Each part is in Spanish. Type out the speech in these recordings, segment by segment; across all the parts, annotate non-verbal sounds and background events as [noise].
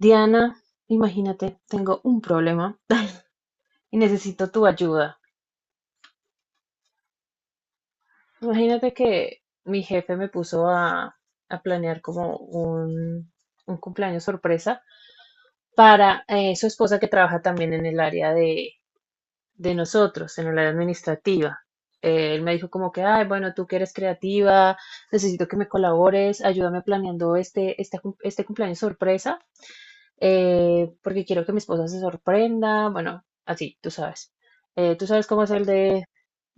Diana, imagínate, tengo un problema [laughs] y necesito tu ayuda. Imagínate que mi jefe me puso a, planear como un, cumpleaños sorpresa para su esposa que trabaja también en el área de, nosotros, en el área administrativa. Él me dijo como que, ay, bueno, tú que eres creativa, necesito que me colabores, ayúdame planeando este cumpleaños sorpresa porque quiero que mi esposa se sorprenda, bueno, así, tú sabes. Tú sabes cómo es el de,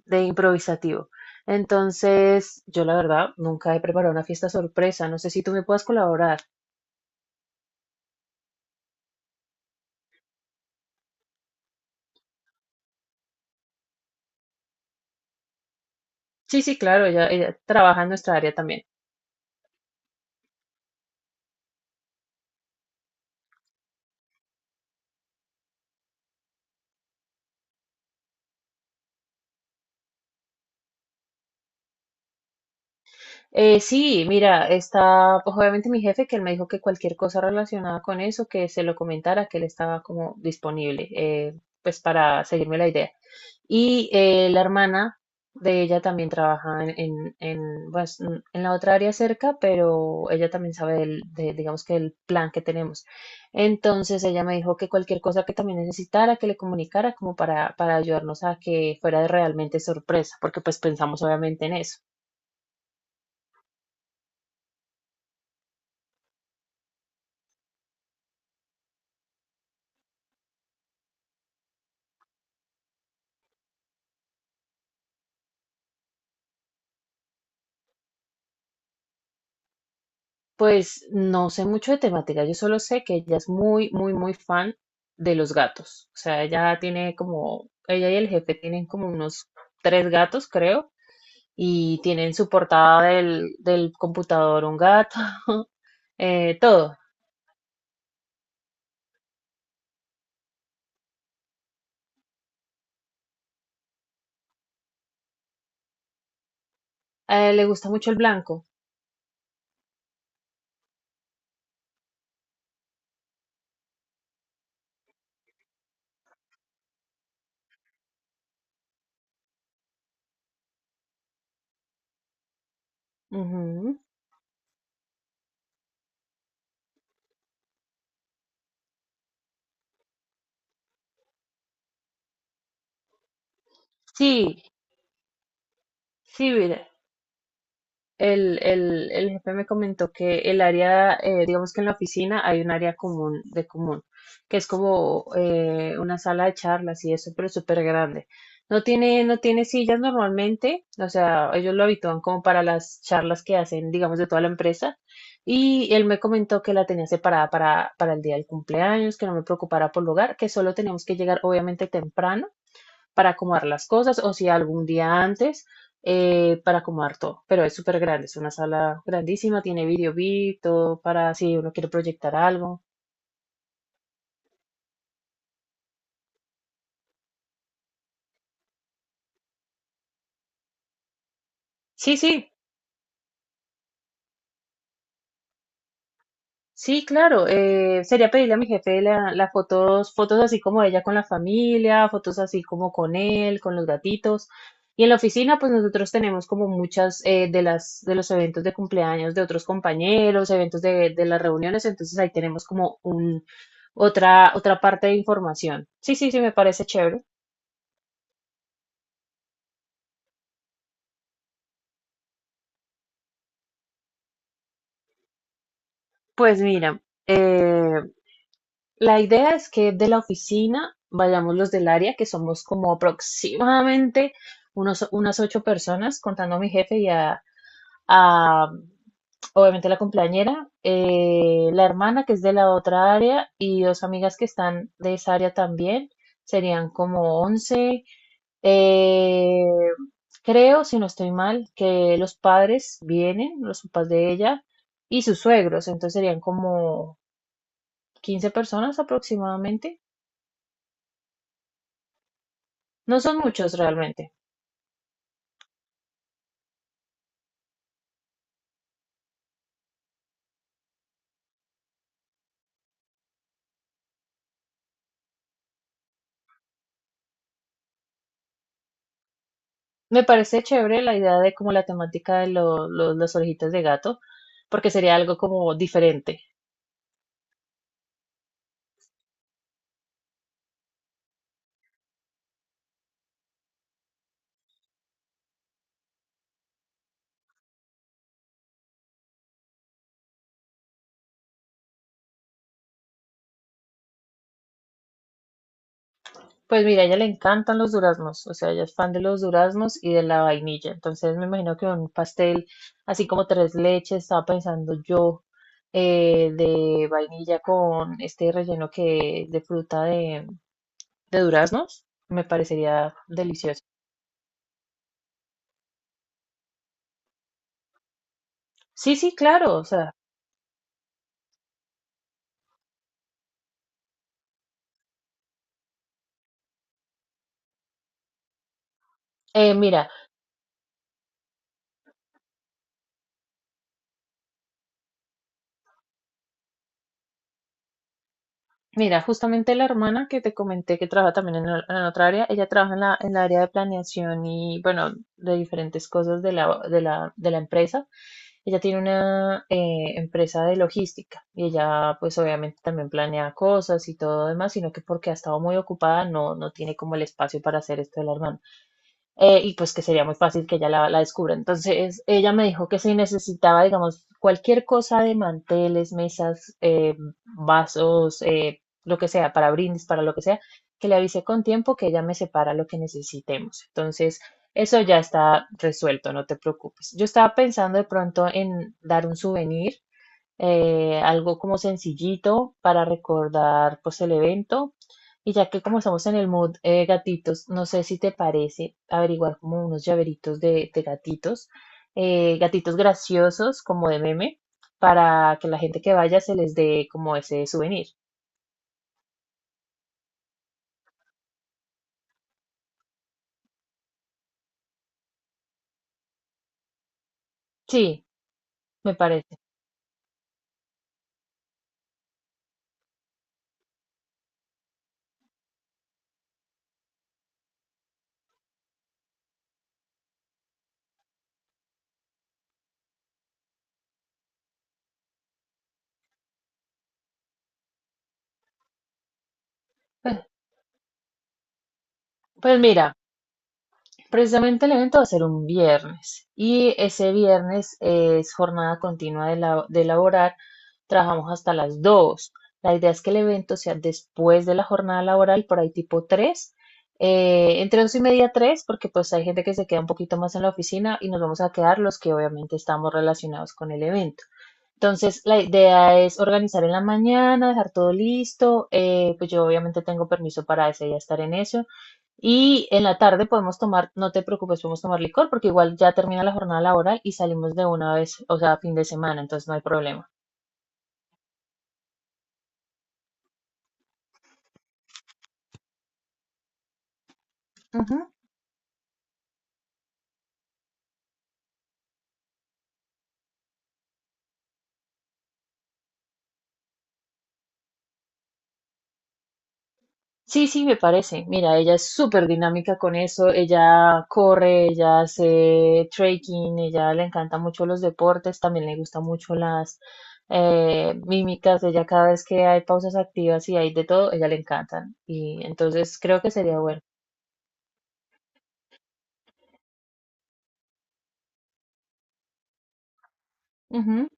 improvisativo. Entonces, yo la verdad nunca he preparado una fiesta sorpresa, no sé si tú me puedas colaborar. Sí, sí, claro, ella trabaja en nuestra área también. Sí, mira, está pues, obviamente mi jefe que él me dijo que cualquier cosa relacionada con eso, que se lo comentara, que él estaba como disponible, pues para seguirme la idea. Y la hermana de ella también trabaja en, pues, en la otra área cerca, pero ella también sabe digamos que del plan que tenemos. Entonces ella me dijo que cualquier cosa que también necesitara, que le comunicara como para, ayudarnos a que fuera realmente sorpresa, porque pues pensamos obviamente en eso. Pues no sé mucho de temática, yo solo sé que ella es muy, muy, muy fan de los gatos. O sea, ella y el jefe tienen como unos tres gatos, creo, y tiene en su portada del computador un gato, [laughs] todo. A él le gusta mucho el blanco. Ujú. Sí, sí, mira, el jefe me comentó que el área, digamos que en la oficina hay un área común de común, que es como una sala de charlas y eso, pero es súper grande. No tiene sillas normalmente, o sea, ellos lo habitúan como para las charlas que hacen, digamos, de toda la empresa. Y él me comentó que la tenía separada para, el día del cumpleaños, que no me preocupara por lugar, que solo teníamos que llegar obviamente temprano para acomodar las cosas o si algún día antes para acomodar todo. Pero es súper grande, es una sala grandísima, tiene video beat, todo para si uno quiere proyectar algo. Sí, sí, sí, claro. Sería pedirle a mi jefe la, las fotos, fotos así como ella con la familia, fotos así como con él, con los gatitos. Y en la oficina, pues nosotros tenemos como muchas de los eventos de cumpleaños de otros compañeros, eventos de las reuniones, entonces ahí tenemos como otra parte de información. Sí, sí, sí, me parece chévere. Pues mira, eh, la idea es que de la oficina vayamos los del área, que somos como aproximadamente unas ocho personas, contando a mi jefe y a, obviamente la compañera, la hermana que es de la otra área y dos amigas que están de esa área también, serían como 11. Eh, creo, si no estoy mal, que los padres vienen, los papás de ella y sus suegros, entonces serían como 15 personas aproximadamente. No son muchos realmente. Me parece chévere la idea de como la temática de las orejitas de gato, porque sería algo como diferente. Pues mira, a ella le encantan los duraznos, o sea, ella es fan de los duraznos y de la vainilla. Entonces me imagino que un pastel así como tres leches, estaba pensando yo, de vainilla con este relleno que es de fruta de duraznos, me parecería delicioso. Sí, sí, claro, o sea, mira, justamente la hermana que te comenté que trabaja también en otra área, ella trabaja en la área de planeación y bueno, de diferentes cosas de la empresa. Ella tiene una empresa de logística y ella pues obviamente también planea cosas y todo demás, sino que porque ha estado muy ocupada no tiene como el espacio para hacer esto de la hermana, y pues que sería muy fácil que ella la descubra. Entonces ella me dijo que si necesitaba, digamos, cualquier cosa de manteles, mesas, vasos, lo que sea, para brindis, para lo que sea, que le avise con tiempo que ella me separa lo que necesitemos. Entonces eso ya está resuelto, no te preocupes. Yo estaba pensando de pronto en dar un souvenir, algo como sencillito para recordar pues el evento. Y ya que como estamos en el mood, gatitos, no sé si te parece averiguar como unos llaveritos de gatitos, gatitos graciosos como de meme, para que la gente que vaya se les dé como ese souvenir. Sí, me parece. Pues, pues mira. Precisamente el evento va a ser un viernes y ese viernes es jornada continua de laborar. Trabajamos hasta las dos. La idea es que el evento sea después de la jornada laboral, por ahí tipo tres, entre 2 y media 3 porque pues hay gente que se queda un poquito más en la oficina y nos vamos a quedar los que obviamente estamos relacionados con el evento. Entonces, la idea es organizar en la mañana, dejar todo listo. Pues yo obviamente tengo permiso para ese día estar en eso. Y en la tarde podemos tomar, no te preocupes, podemos tomar licor porque igual ya termina la jornada laboral y salimos de una vez, o sea, fin de semana, entonces no hay problema. Ujú. Sí, sí, me parece. Mira, ella es súper dinámica con eso. Ella corre, ella hace trekking, ella le encanta mucho los deportes, también le gustan mucho las mímicas. Ella cada vez que hay pausas activas y hay de todo, ella le encantan. Y entonces creo que sería bueno. Ujú.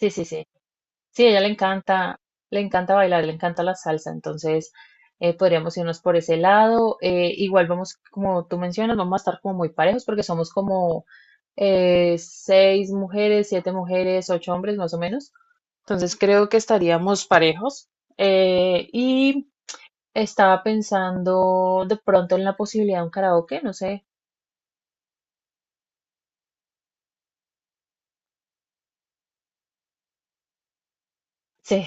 Sí, sí, sí. Sí, a ella le encanta bailar, le encanta la salsa, entonces podríamos irnos por ese lado. Igual vamos, como tú mencionas, vamos a estar como muy parejos porque somos como seis mujeres, siete mujeres, ocho hombres más o menos. Entonces creo que estaríamos parejos. Y estaba pensando de pronto en la posibilidad de un karaoke, no sé. Sí,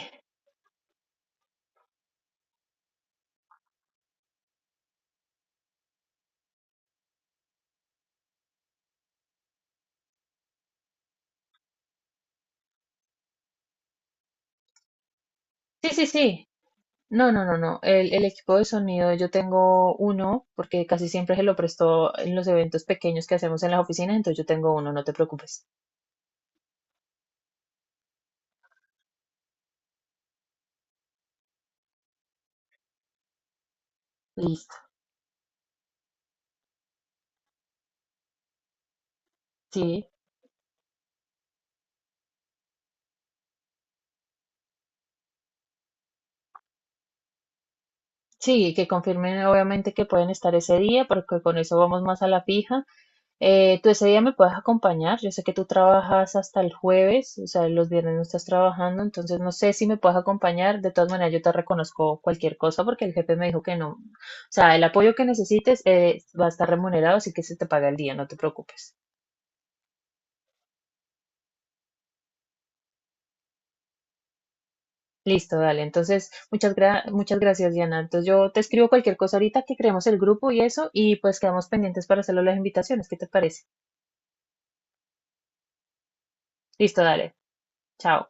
sí, sí, sí. No, no, no, no. El equipo de sonido, yo tengo uno, porque casi siempre se lo prestó en los eventos pequeños que hacemos en las oficinas, entonces yo tengo uno, no te preocupes. Listo. Sí, sí, que confirmen obviamente que pueden estar ese día, porque con eso vamos más a la fija. ¿Tú ese día me puedes acompañar? Yo sé que tú trabajas hasta el jueves, o sea, los viernes no estás trabajando, entonces no sé si me puedes acompañar. De todas maneras, yo te reconozco cualquier cosa porque el jefe me dijo que no. O sea, el apoyo que necesites, va a estar remunerado, así que se te paga el día, no te preocupes. Listo, dale. Entonces, muchas gracias, Diana. Entonces, yo te escribo cualquier cosa ahorita que creemos el grupo y eso, y pues quedamos pendientes para hacerlo las invitaciones. ¿Qué te parece? Listo, dale. Chao.